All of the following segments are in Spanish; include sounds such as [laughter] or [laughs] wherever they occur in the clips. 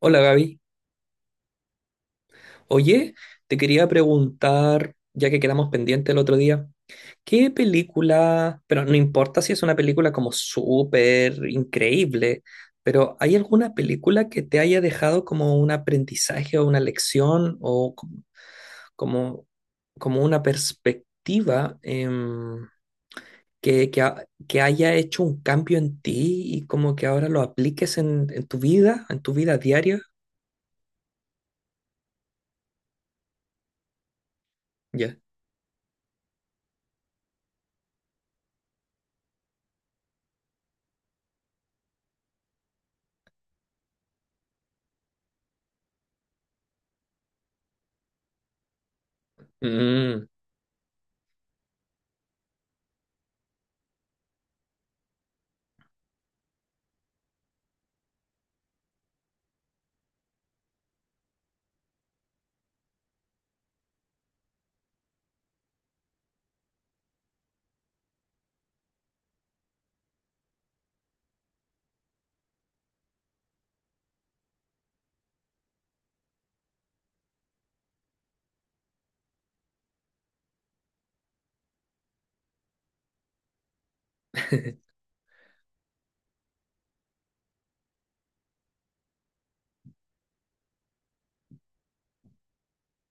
Hola, Gaby. Oye, te quería preguntar, ya que quedamos pendientes el otro día, ¿qué película... pero no importa si es una película como súper increíble, pero ¿hay alguna película que te haya dejado como un aprendizaje o una lección o como, como una perspectiva que haya hecho un cambio en ti y como que ahora lo apliques en tu vida diaria? Ya. Mm,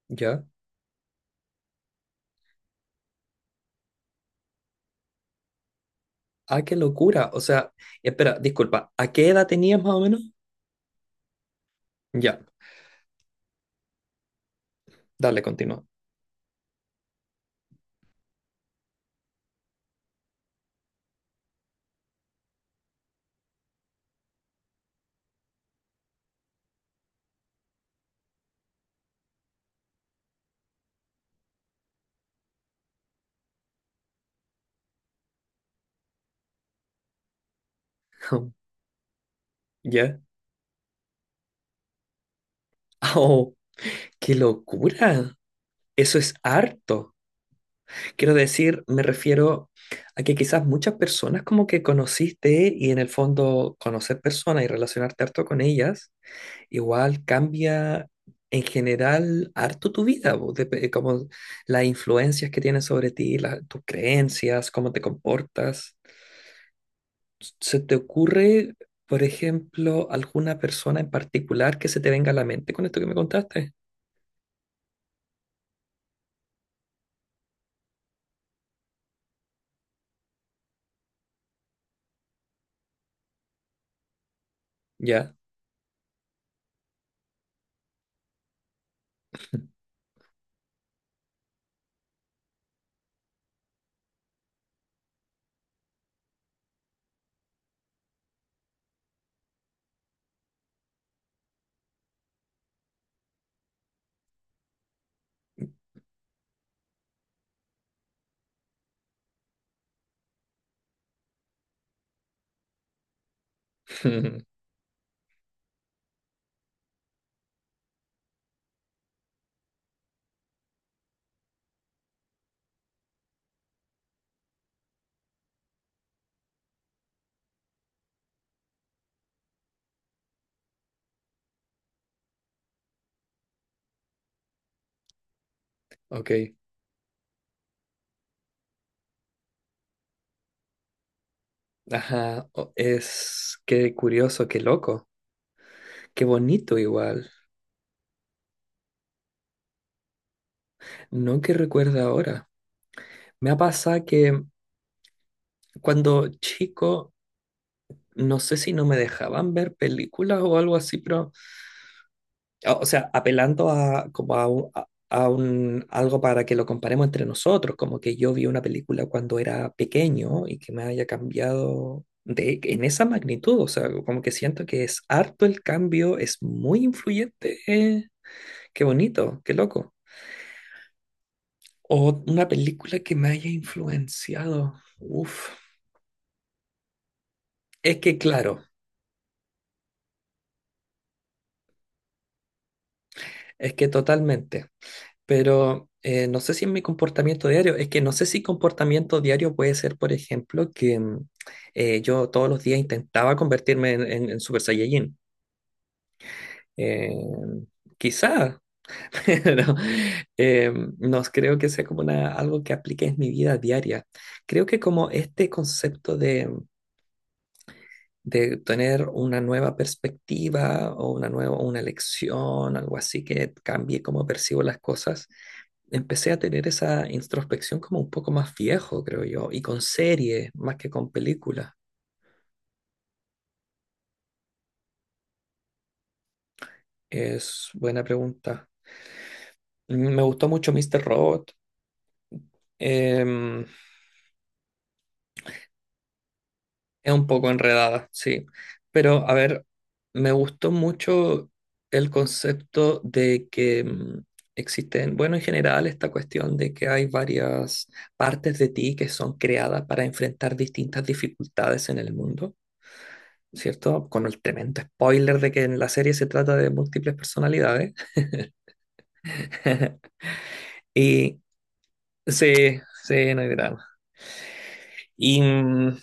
ya. Ah, qué locura. O sea, espera, disculpa, ¿a qué edad tenías más o menos? Ya, dale, continúa. [laughs] ¿Ya? Oh, qué locura. Eso es harto. Quiero decir, me refiero a que quizás muchas personas como que conociste, y en el fondo, conocer personas y relacionarte harto con ellas igual cambia en general harto tu vida, po, como las influencias que tienen sobre ti, tus creencias, cómo te comportas. ¿Se te ocurre, por ejemplo, alguna persona en particular que se te venga a la mente con esto que me contaste? Ya. [laughs] Ok. Ajá. Es qué curioso, qué loco, qué bonito igual. No que recuerda ahora. Me ha pasado que cuando chico, no sé si no me dejaban ver películas o algo así, pero... O sea, apelando a, como a, algo para que lo comparemos entre nosotros, como que yo vi una película cuando era pequeño y que me haya cambiado de, en esa magnitud. O sea, como que siento que es harto el cambio, es muy influyente. Qué bonito, qué loco. O una película que me haya influenciado, uf, es que claro, es que totalmente. Pero no sé si en mi comportamiento diario, es que no sé si comportamiento diario puede ser, por ejemplo, que yo todos los días intentaba convertirme en Super Saiyajin. Eh, Quizá, [laughs] pero eh, no creo que sea como una, algo que aplique en mi vida diaria. Creo que como este concepto de tener una nueva perspectiva o una nueva, una lección, algo así que cambie cómo percibo las cosas, empecé a tener esa introspección como un poco más viejo, creo yo, y con series más que con películas. Es buena pregunta. Mm, me gustó mucho Mr. Robot. Em, es un poco enredada, sí. Pero, a ver, me gustó mucho el concepto de que existen, bueno, en general, esta cuestión de que hay varias partes de ti que son creadas para enfrentar distintas dificultades en el mundo, ¿cierto? Con el tremendo spoiler de que en la serie se trata de múltiples personalidades. [laughs] Y sí, sí, no hay drama. Y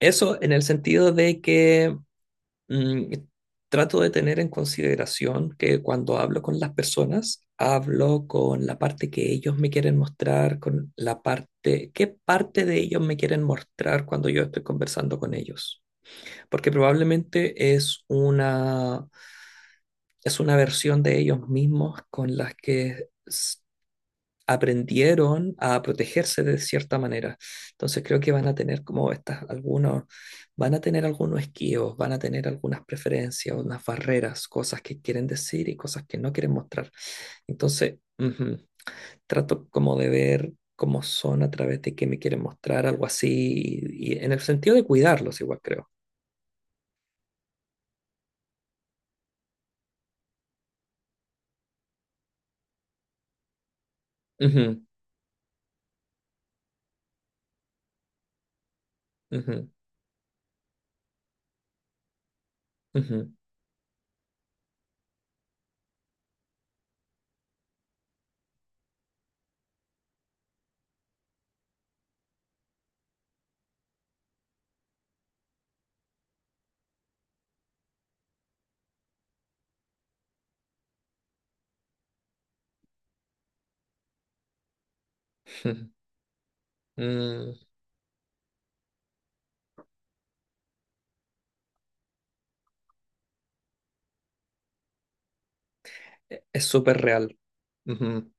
eso en el sentido de que mm, trato de tener en consideración que cuando hablo con las personas, hablo con la parte que ellos me quieren mostrar, con la parte, qué parte de ellos me quieren mostrar cuando yo estoy conversando con ellos. Porque probablemente es una versión de ellos mismos con las que aprendieron a protegerse de cierta manera. Entonces creo que van a tener como estas, algunos, van a tener algunos esquivos, van a tener algunas preferencias, unas barreras, cosas que quieren decir y cosas que no quieren mostrar. Entonces, ujú, trato como de ver cómo son a través de qué me quieren mostrar, algo así, y en el sentido de cuidarlos igual, creo. Ujú, ujú, ujú, ujú. Mm. Es súper real. Ujú.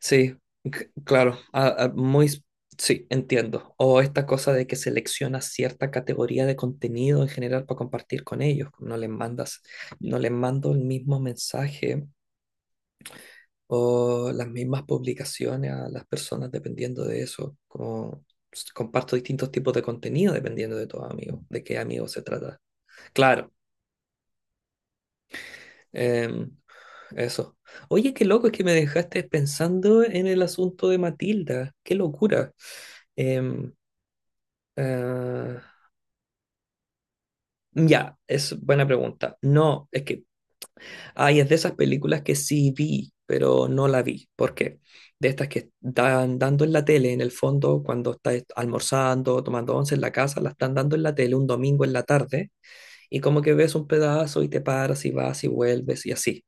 Sí, claro, muy, sí, entiendo. O esta cosa de que seleccionas cierta categoría de contenido en general para compartir con ellos. No les mando el mismo mensaje o las mismas publicaciones a las personas dependiendo de eso. Como comparto distintos tipos de contenido dependiendo de tu amigo, de qué amigo se trata. Claro. Em, Eso. Oye, qué loco es que me dejaste pensando en el asunto de Matilda. Qué locura. Em, ah, ya, es buena pregunta. No, es que, ay, es de esas películas que sí vi, pero no la vi. ¿Por qué? De estas que están dando en la tele, en el fondo, cuando estás almorzando, tomando once en la casa, la están dando en la tele un domingo en la tarde, y como que ves un pedazo y te paras y vas y vuelves y así.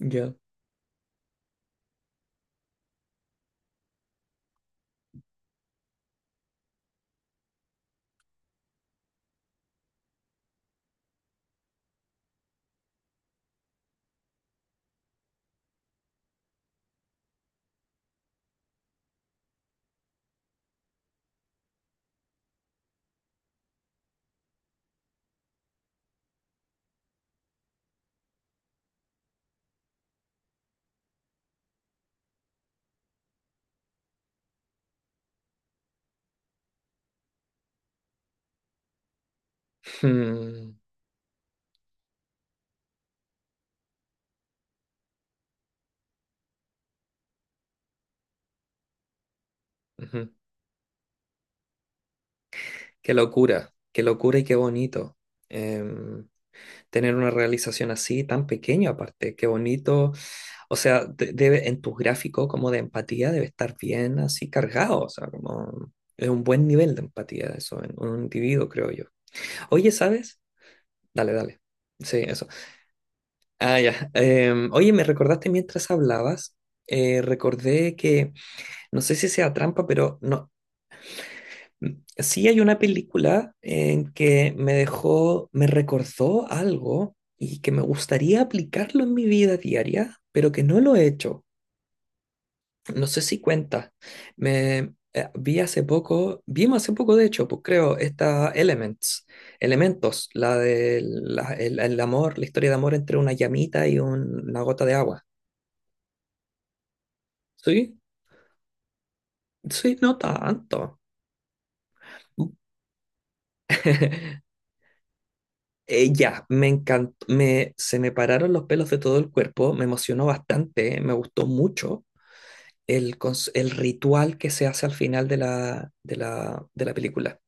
Ya. Hmm, ujú. Qué locura y qué bonito. em, Tener una realización así, tan pequeña aparte, qué bonito. O sea, debe... en tu gráfico como de empatía debe estar bien así cargado. O sea, como es un buen nivel de empatía eso en un individuo, creo yo. Oye, ¿sabes? Dale, dale. Sí, eso. Ah, ya. Oye, me recordaste mientras hablabas, recordé que, no sé si sea trampa, pero no, sí, hay una película en que me dejó, me recordó algo y que me gustaría aplicarlo en mi vida diaria, pero que no lo he hecho. No sé si cuenta. Me Vi hace poco, vimos hace poco, de hecho, pues creo, esta Elements, Elementos, la del la- el amor, la historia de amor entre una llamita y una gota de agua. Sí, sí, no tanto. [laughs] Ya, me encantó, me, se me pararon los pelos de todo el cuerpo, me emocionó bastante, me gustó mucho el ritual que se hace al final de de la película.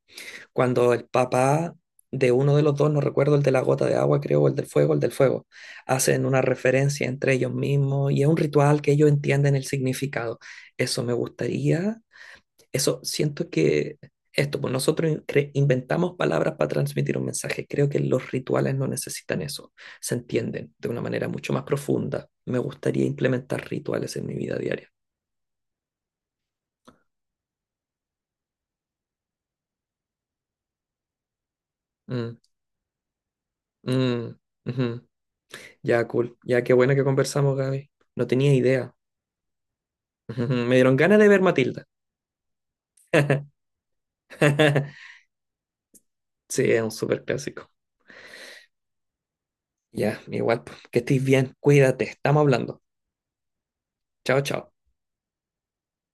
Cuando el papá de uno de los dos, no recuerdo, el de la gota de agua, creo, o el del fuego, hacen una referencia entre ellos mismos y es un ritual que ellos entienden el significado. Eso me gustaría eso siento que esto, pues nosotros inventamos palabras para transmitir un mensaje. Creo que los rituales no necesitan eso. Se entienden de una manera mucho más profunda. Me gustaría implementar rituales en mi vida diaria. Mm, mm, ujú. Ya, cool. Ya, qué bueno que conversamos, Gaby. No tenía idea. Ujú, ujú. Me dieron ganas de ver Matilda. [laughs] Sí, es un súper clásico. Ya, igual, pues, que estés bien. Cuídate. Estamos hablando. Chao, chao.